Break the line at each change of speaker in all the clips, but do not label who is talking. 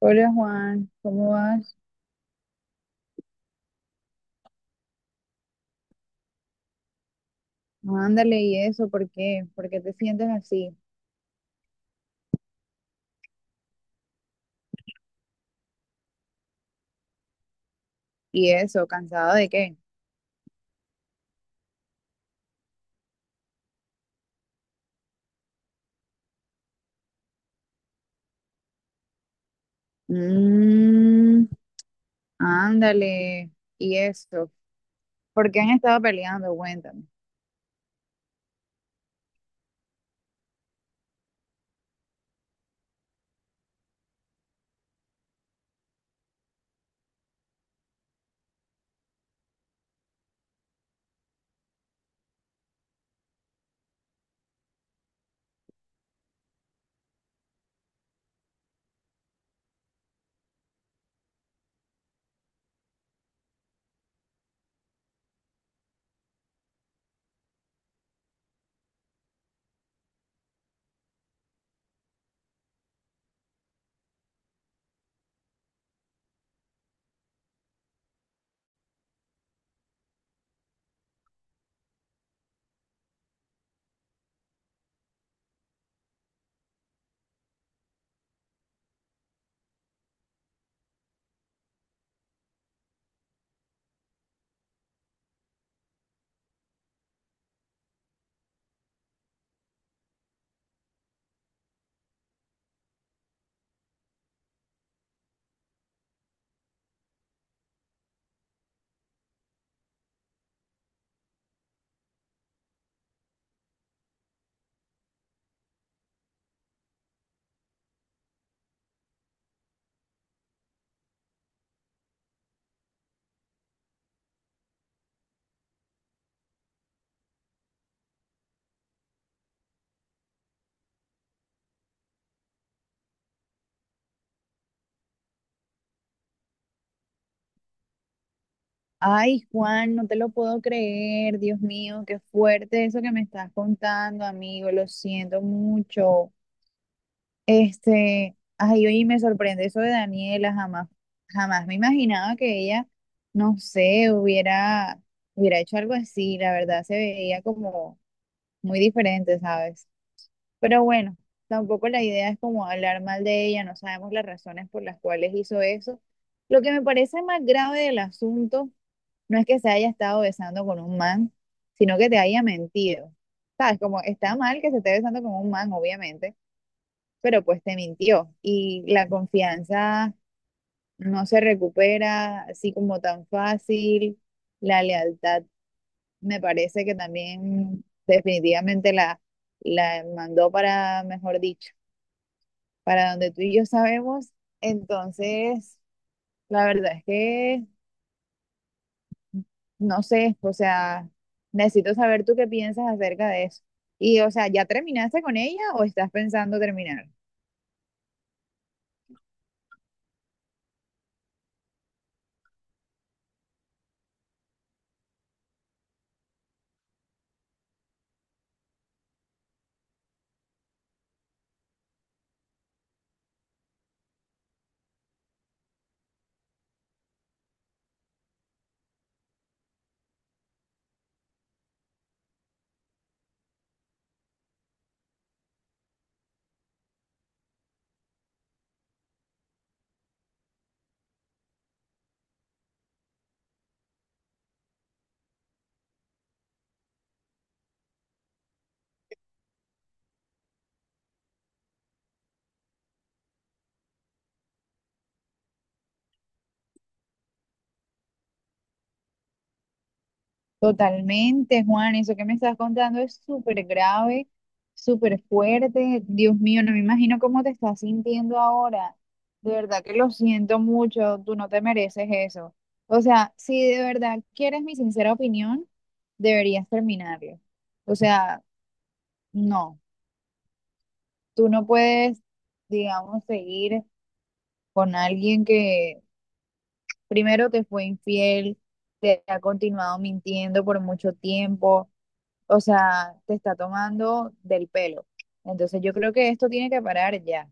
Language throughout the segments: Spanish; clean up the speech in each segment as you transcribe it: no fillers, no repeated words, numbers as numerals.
Hola, Juan, ¿cómo vas? No, ándale, ¿y eso? ¿Por qué? ¿Por qué te sientes así? ¿Y eso? ¿Cansado de qué? Mmm, ándale, ¿y eso? ¿Por qué han estado peleando? Cuéntame. Ay, Juan, no te lo puedo creer, Dios mío, qué fuerte eso que me estás contando, amigo, lo siento mucho. Ay, oye, me sorprende eso de Daniela, jamás me imaginaba que ella, no sé, hubiera hecho algo así, la verdad se veía como muy diferente, ¿sabes? Pero bueno, tampoco la idea es como hablar mal de ella, no sabemos las razones por las cuales hizo eso. Lo que me parece más grave del asunto no es que se haya estado besando con un man, sino que te haya mentido. ¿Sabes? Como está mal que se esté besando con un man, obviamente, pero pues te mintió y la confianza no se recupera así como tan fácil. La lealtad me parece que también definitivamente la mandó para, mejor dicho, para donde tú y yo sabemos. Entonces, la verdad es que no sé, o sea, necesito saber tú qué piensas acerca de eso. Y, o sea, ¿ya terminaste con ella o estás pensando terminar? Totalmente, Juan, eso que me estás contando es súper grave, súper fuerte. Dios mío, no me imagino cómo te estás sintiendo ahora. De verdad que lo siento mucho, tú no te mereces eso. O sea, si de verdad quieres mi sincera opinión, deberías terminarlo. O sea, no, tú no puedes, digamos, seguir con alguien que primero te fue infiel, te ha continuado mintiendo por mucho tiempo, o sea, te está tomando del pelo. Entonces yo creo que esto tiene que parar ya.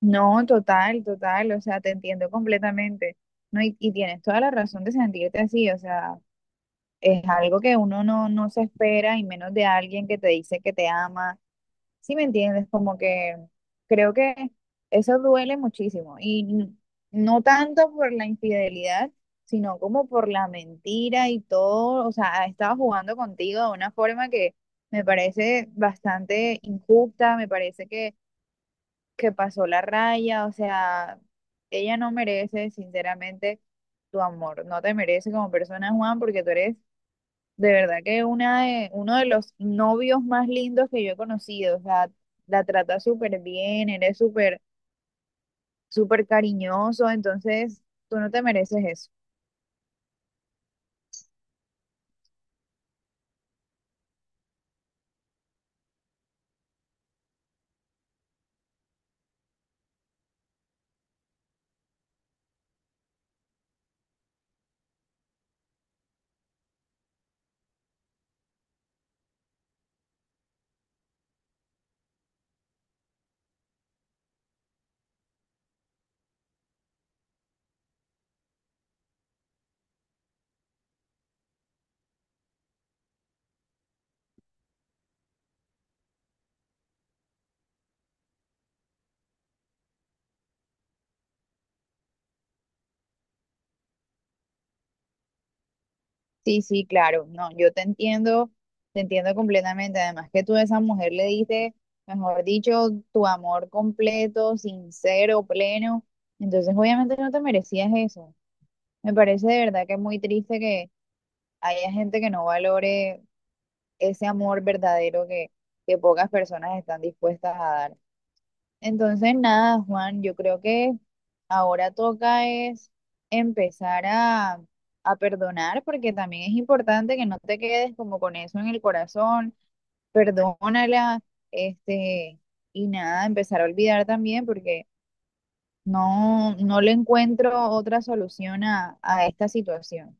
No, total, o sea, te entiendo completamente. No, y tienes toda la razón de sentirte así, o sea, es algo que uno no se espera y menos de alguien que te dice que te ama. ¿Sí me entiendes? Como que creo que eso duele muchísimo y no tanto por la infidelidad, sino como por la mentira y todo, o sea, ha estado jugando contigo de una forma que me parece bastante injusta, me parece que pasó la raya, o sea, ella no merece sinceramente tu amor, no te merece como persona, Juan, porque tú eres de verdad que uno de los novios más lindos que yo he conocido, o sea, la trata súper bien, eres súper cariñoso, entonces tú no te mereces eso. Sí, sí, claro, no, yo te entiendo completamente. Además que tú a esa mujer le diste, mejor dicho, tu amor completo, sincero, pleno, entonces obviamente no te merecías eso. Me parece de verdad que es muy triste que haya gente que no valore ese amor verdadero que pocas personas están dispuestas a dar. Entonces, nada, Juan, yo creo que ahora toca es empezar a perdonar, porque también es importante que no te quedes como con eso en el corazón, perdónala, este, y nada, empezar a olvidar también, porque no le encuentro otra solución a esta situación.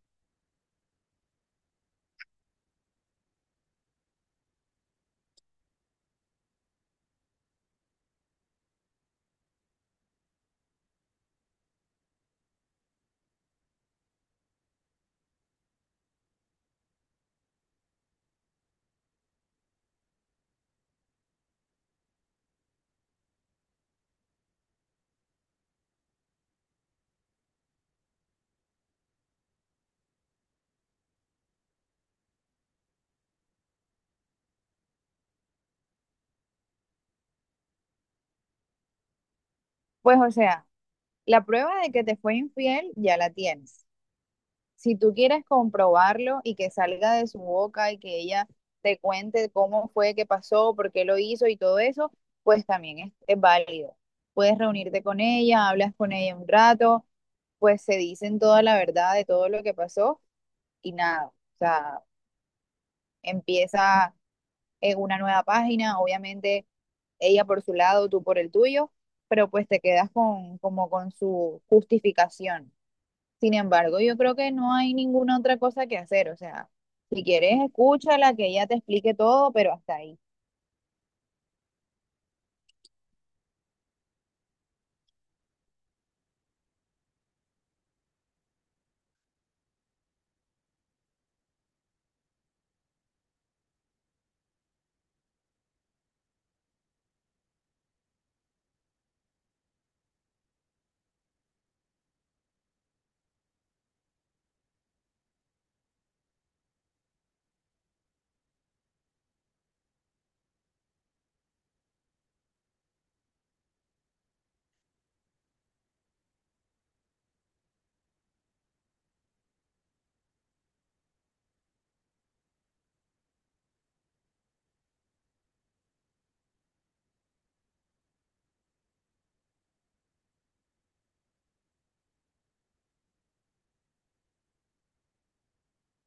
Pues, o sea, la prueba de que te fue infiel ya la tienes. Si tú quieres comprobarlo y que salga de su boca y que ella te cuente cómo fue, qué pasó, por qué lo hizo y todo eso, pues también es válido. Puedes reunirte con ella, hablas con ella un rato, pues se dicen toda la verdad de todo lo que pasó y nada, o sea, empieza en una nueva página, obviamente ella por su lado, tú por el tuyo, pero pues te quedas con, como con su justificación. Sin embargo, yo creo que no hay ninguna otra cosa que hacer. O sea, si quieres, escúchala, que ella te explique todo, pero hasta ahí.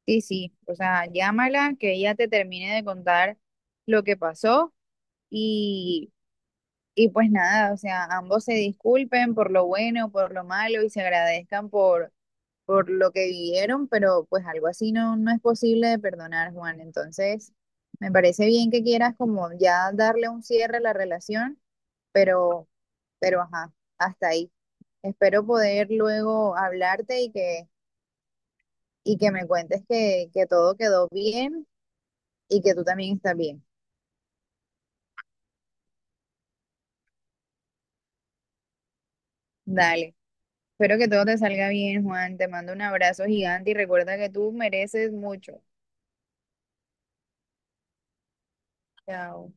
Sí, sí. O sea, llámala, que ella te termine de contar lo que pasó y, y pues nada, o sea, ambos se disculpen por lo bueno, por lo malo y se agradezcan por lo que vivieron, pero pues algo así no es posible de perdonar, Juan. Entonces, me parece bien que quieras como ya darle un cierre a la relación, pero, pero ajá, hasta ahí. Espero poder luego hablarte y y que me cuentes que todo quedó bien y que tú también estás bien. Dale. Espero que todo te salga bien, Juan. Te mando un abrazo gigante y recuerda que tú mereces mucho. Chao.